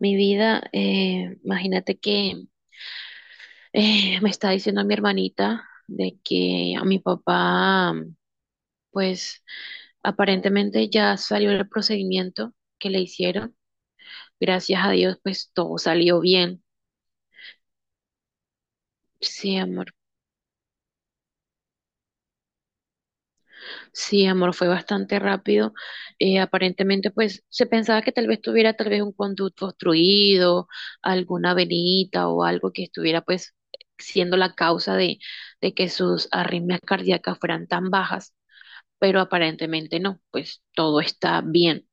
Mi vida, imagínate que me está diciendo mi hermanita de que a mi papá, pues aparentemente ya salió el procedimiento que le hicieron. Gracias a Dios, pues todo salió bien. Sí, amor. Sí, amor, fue bastante rápido. Aparentemente, pues se pensaba que tal vez tuviera tal vez un conducto obstruido, alguna venita o algo que estuviera pues siendo la causa de que sus arritmias cardíacas fueran tan bajas. Pero aparentemente no, pues todo está bien.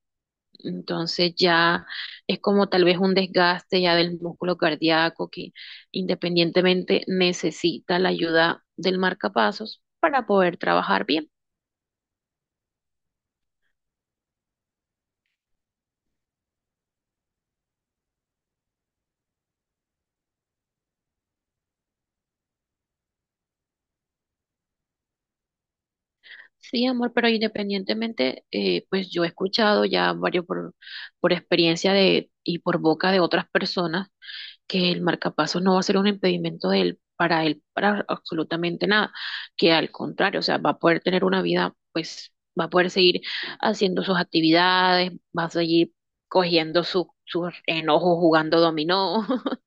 Entonces ya es como tal vez un desgaste ya del músculo cardíaco que independientemente necesita la ayuda del marcapasos para poder trabajar bien. Sí, amor, pero independientemente, pues yo he escuchado ya varios por experiencia de, y por boca de otras personas que el marcapaso no va a ser un impedimento de él, para él, para absolutamente nada, que al contrario, o sea, va a poder tener una vida, pues va a poder seguir haciendo sus actividades, va a seguir cogiendo sus enojos jugando dominó,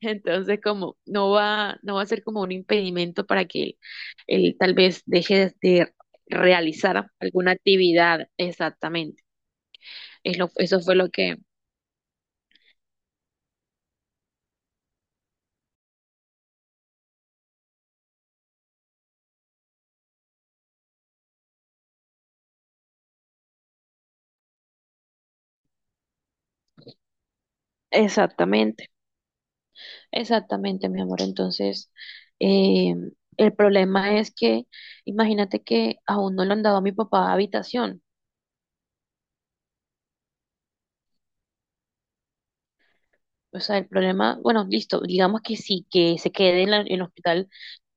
entonces como no va a ser como un impedimento para que él tal vez deje de realizar alguna actividad exactamente. Eso fue lo que... Exactamente. Exactamente, mi amor. Entonces, eh, el problema es que, imagínate que aún no le han dado a mi papá habitación. O sea, el problema, bueno, listo, digamos que sí, que se quede en en el hospital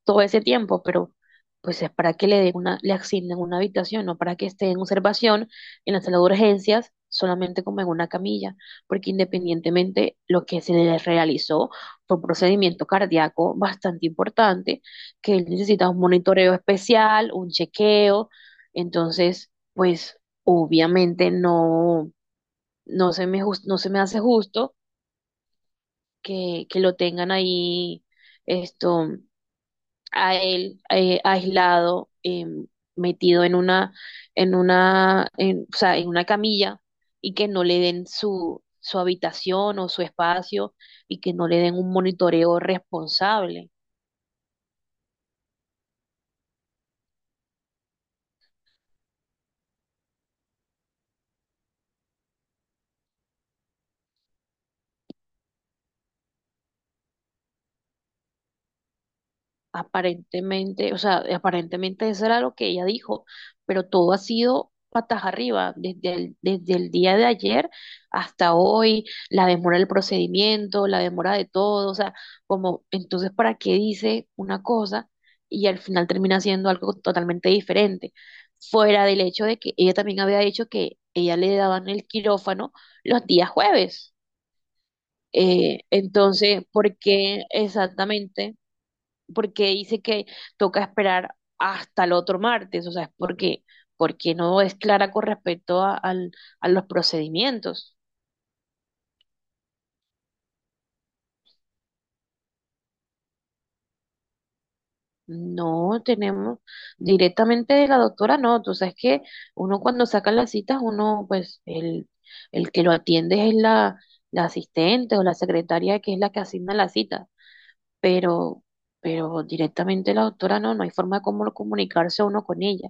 todo ese tiempo, pero pues es para que le den una, le asignen una habitación, no para que esté en observación en la sala de urgencias, solamente como en una camilla, porque independientemente lo que se le realizó fue un procedimiento cardíaco bastante importante, que él necesita un monitoreo especial, un chequeo, entonces, pues obviamente no, no se me hace justo que lo tengan ahí esto a él aislado, metido o sea, en una camilla y que no le den su habitación o su espacio y que no le den un monitoreo responsable. Aparentemente, o sea, aparentemente eso era lo que ella dijo, pero todo ha sido patas arriba, desde el día de ayer hasta hoy, la demora del procedimiento, la demora de todo, o sea, como, entonces, ¿para qué dice una cosa y al final termina haciendo algo totalmente diferente? Fuera del hecho de que ella también había dicho que ella le daban el quirófano los días jueves. Entonces, ¿por qué exactamente? Porque dice que toca esperar hasta el otro martes, o sea, es porque, porque no es clara con respecto a los procedimientos. No tenemos directamente de la doctora, no, tú sabes que uno cuando saca las citas, uno pues el que lo atiende es la asistente o la secretaria que es la que asigna la cita, pero, pero directamente la doctora no, no hay forma de cómo comunicarse uno con ella.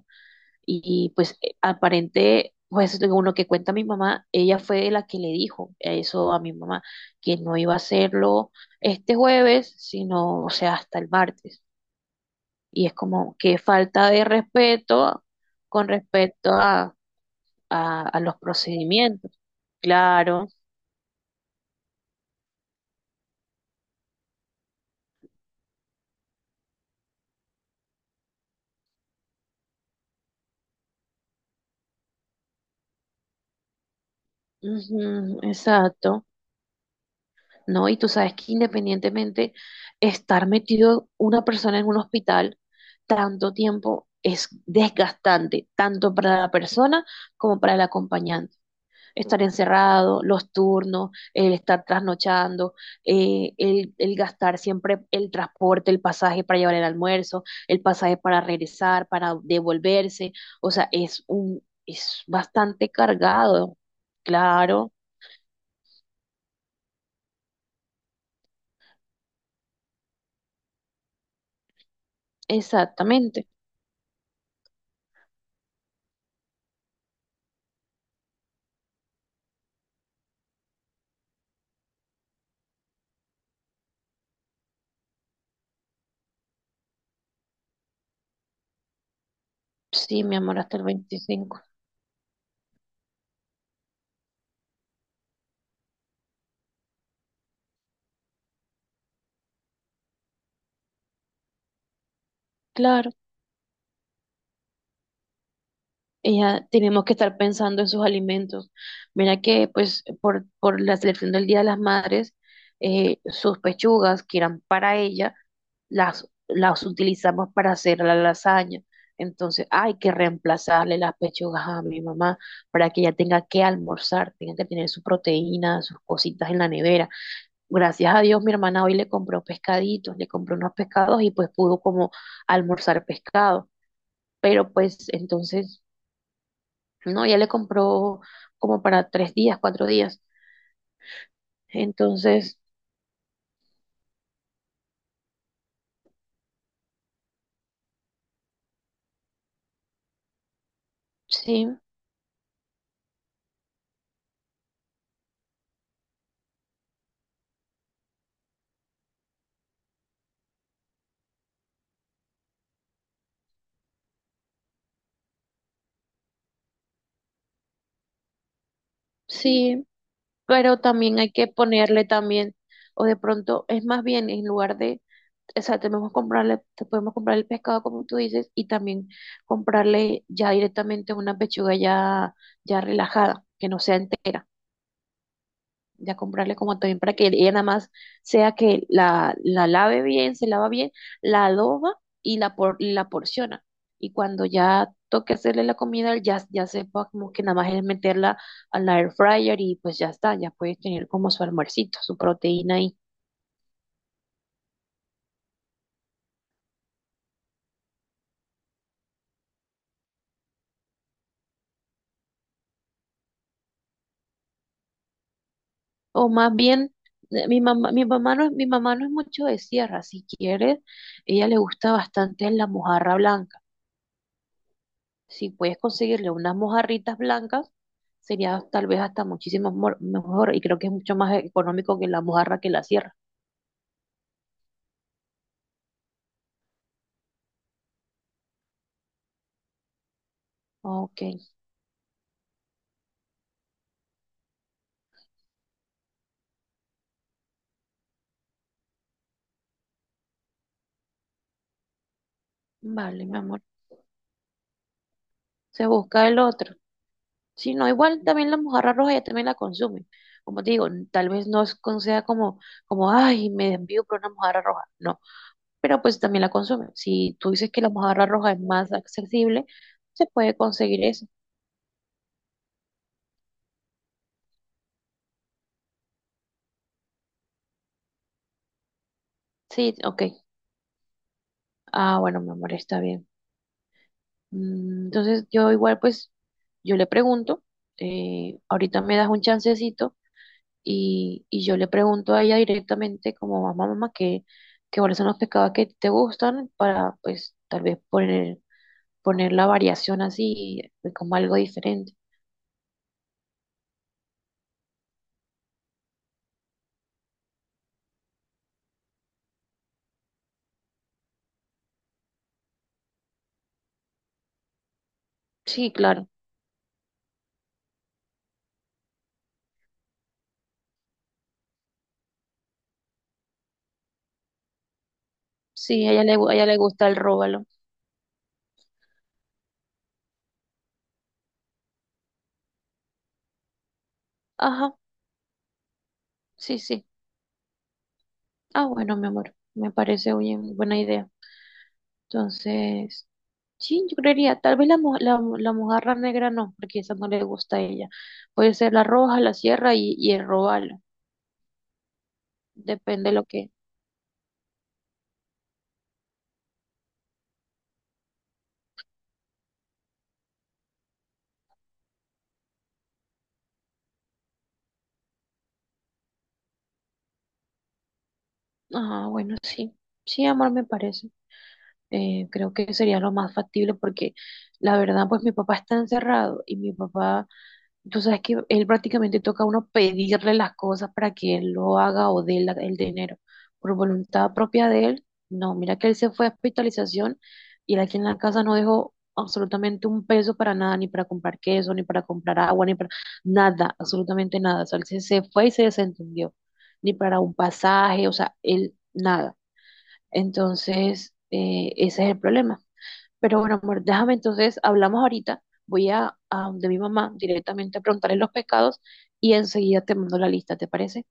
Y pues pues según lo que cuenta mi mamá, ella fue la que le dijo eso a mi mamá, que no iba a hacerlo este jueves, sino, o sea, hasta el martes. Y es como que falta de respeto con respecto a los procedimientos. Claro, ujú, exacto. ¿No? Y tú sabes que independientemente estar metido una persona en un hospital tanto tiempo es desgastante, tanto para la persona como para el acompañante. Estar encerrado, los turnos, el estar trasnochando, el gastar siempre el transporte, el pasaje para llevar el almuerzo, el pasaje para regresar, para devolverse. O sea, es un, es bastante cargado, claro, exactamente. Sí, mi amor, hasta el 25. Claro, ella tenemos que estar pensando en sus alimentos. Mira que, pues, por la selección del Día de las Madres, sus pechugas que eran para ella, las utilizamos para hacer la lasaña. Entonces, hay que reemplazarle las pechugas a mi mamá para que ella tenga que almorzar, tenga que tener su proteína, sus cositas en la nevera. Gracias a Dios, mi hermana hoy le compró pescaditos, le compró unos pescados y pues pudo como almorzar pescado, pero pues entonces, no, ya le compró como para tres días, cuatro días. Entonces, sí, sí, pero también hay que ponerle también, o de pronto es más bien en lugar de, o sea, tenemos que comprarle, te podemos comprar el pescado como tú dices y también comprarle ya directamente una pechuga ya, ya relajada, que no sea entera. Ya comprarle como también para que ella nada más sea que la lave bien, se lava bien, la adoba y y la porciona. Y cuando ya toque hacerle la comida, ya sepa como que nada más es meterla a la air fryer y pues ya está, ya puede tener como su almuercito, su proteína ahí. O más bien, mi mamá no, mi mamá no es mucho de sierra, si quieres, ella le gusta bastante la mojarra blanca. Si puedes conseguirle unas mojarritas blancas, sería tal vez hasta muchísimo mejor y creo que es mucho más económico que la mojarra que la sierra. Ok, vale, mi amor. Se busca el otro. Si no, igual también la mojarra roja ella también la consume. Como te digo, tal vez no sea como, como, ay, me envío por una mojarra roja. No, pero pues también la consume. Si tú dices que la mojarra roja es más accesible, se puede conseguir eso. Sí, ok. Ah, bueno, mi amor, está bien. Mm, entonces yo igual pues yo le pregunto, ahorita me das un chancecito y yo le pregunto a ella directamente como mamá, mamá, que cuáles son los pescados que te gustan para pues tal vez poner, poner la variación así como algo diferente. Sí, claro, sí, a ella a ella le gusta el róbalo. Ajá, sí, sí. Ah, bueno, mi amor, me parece bien, buena idea. Entonces... Sí, yo creería, tal vez la mojarra negra no, porque esa no le gusta a ella. Puede ser la roja, la sierra y el robalo, depende lo que... Ah, bueno, sí, sí, amor, me parece. Creo que sería lo más factible porque la verdad, pues mi papá está encerrado y mi papá, tú sabes que él prácticamente toca a uno pedirle las cosas para que él lo haga o dé el dinero. Por voluntad propia de él, no, mira que él se fue a hospitalización y él aquí en la casa no dejó absolutamente un peso para nada, ni para comprar queso, ni para comprar agua, ni para nada, absolutamente nada. O sea, se fue y se desentendió, ni para un pasaje, o sea, él nada. Entonces, ese es el problema. Pero bueno, amor, déjame entonces, hablamos ahorita, voy a donde mi mamá directamente a preguntarle los pescados y enseguida te mando la lista, ¿te parece?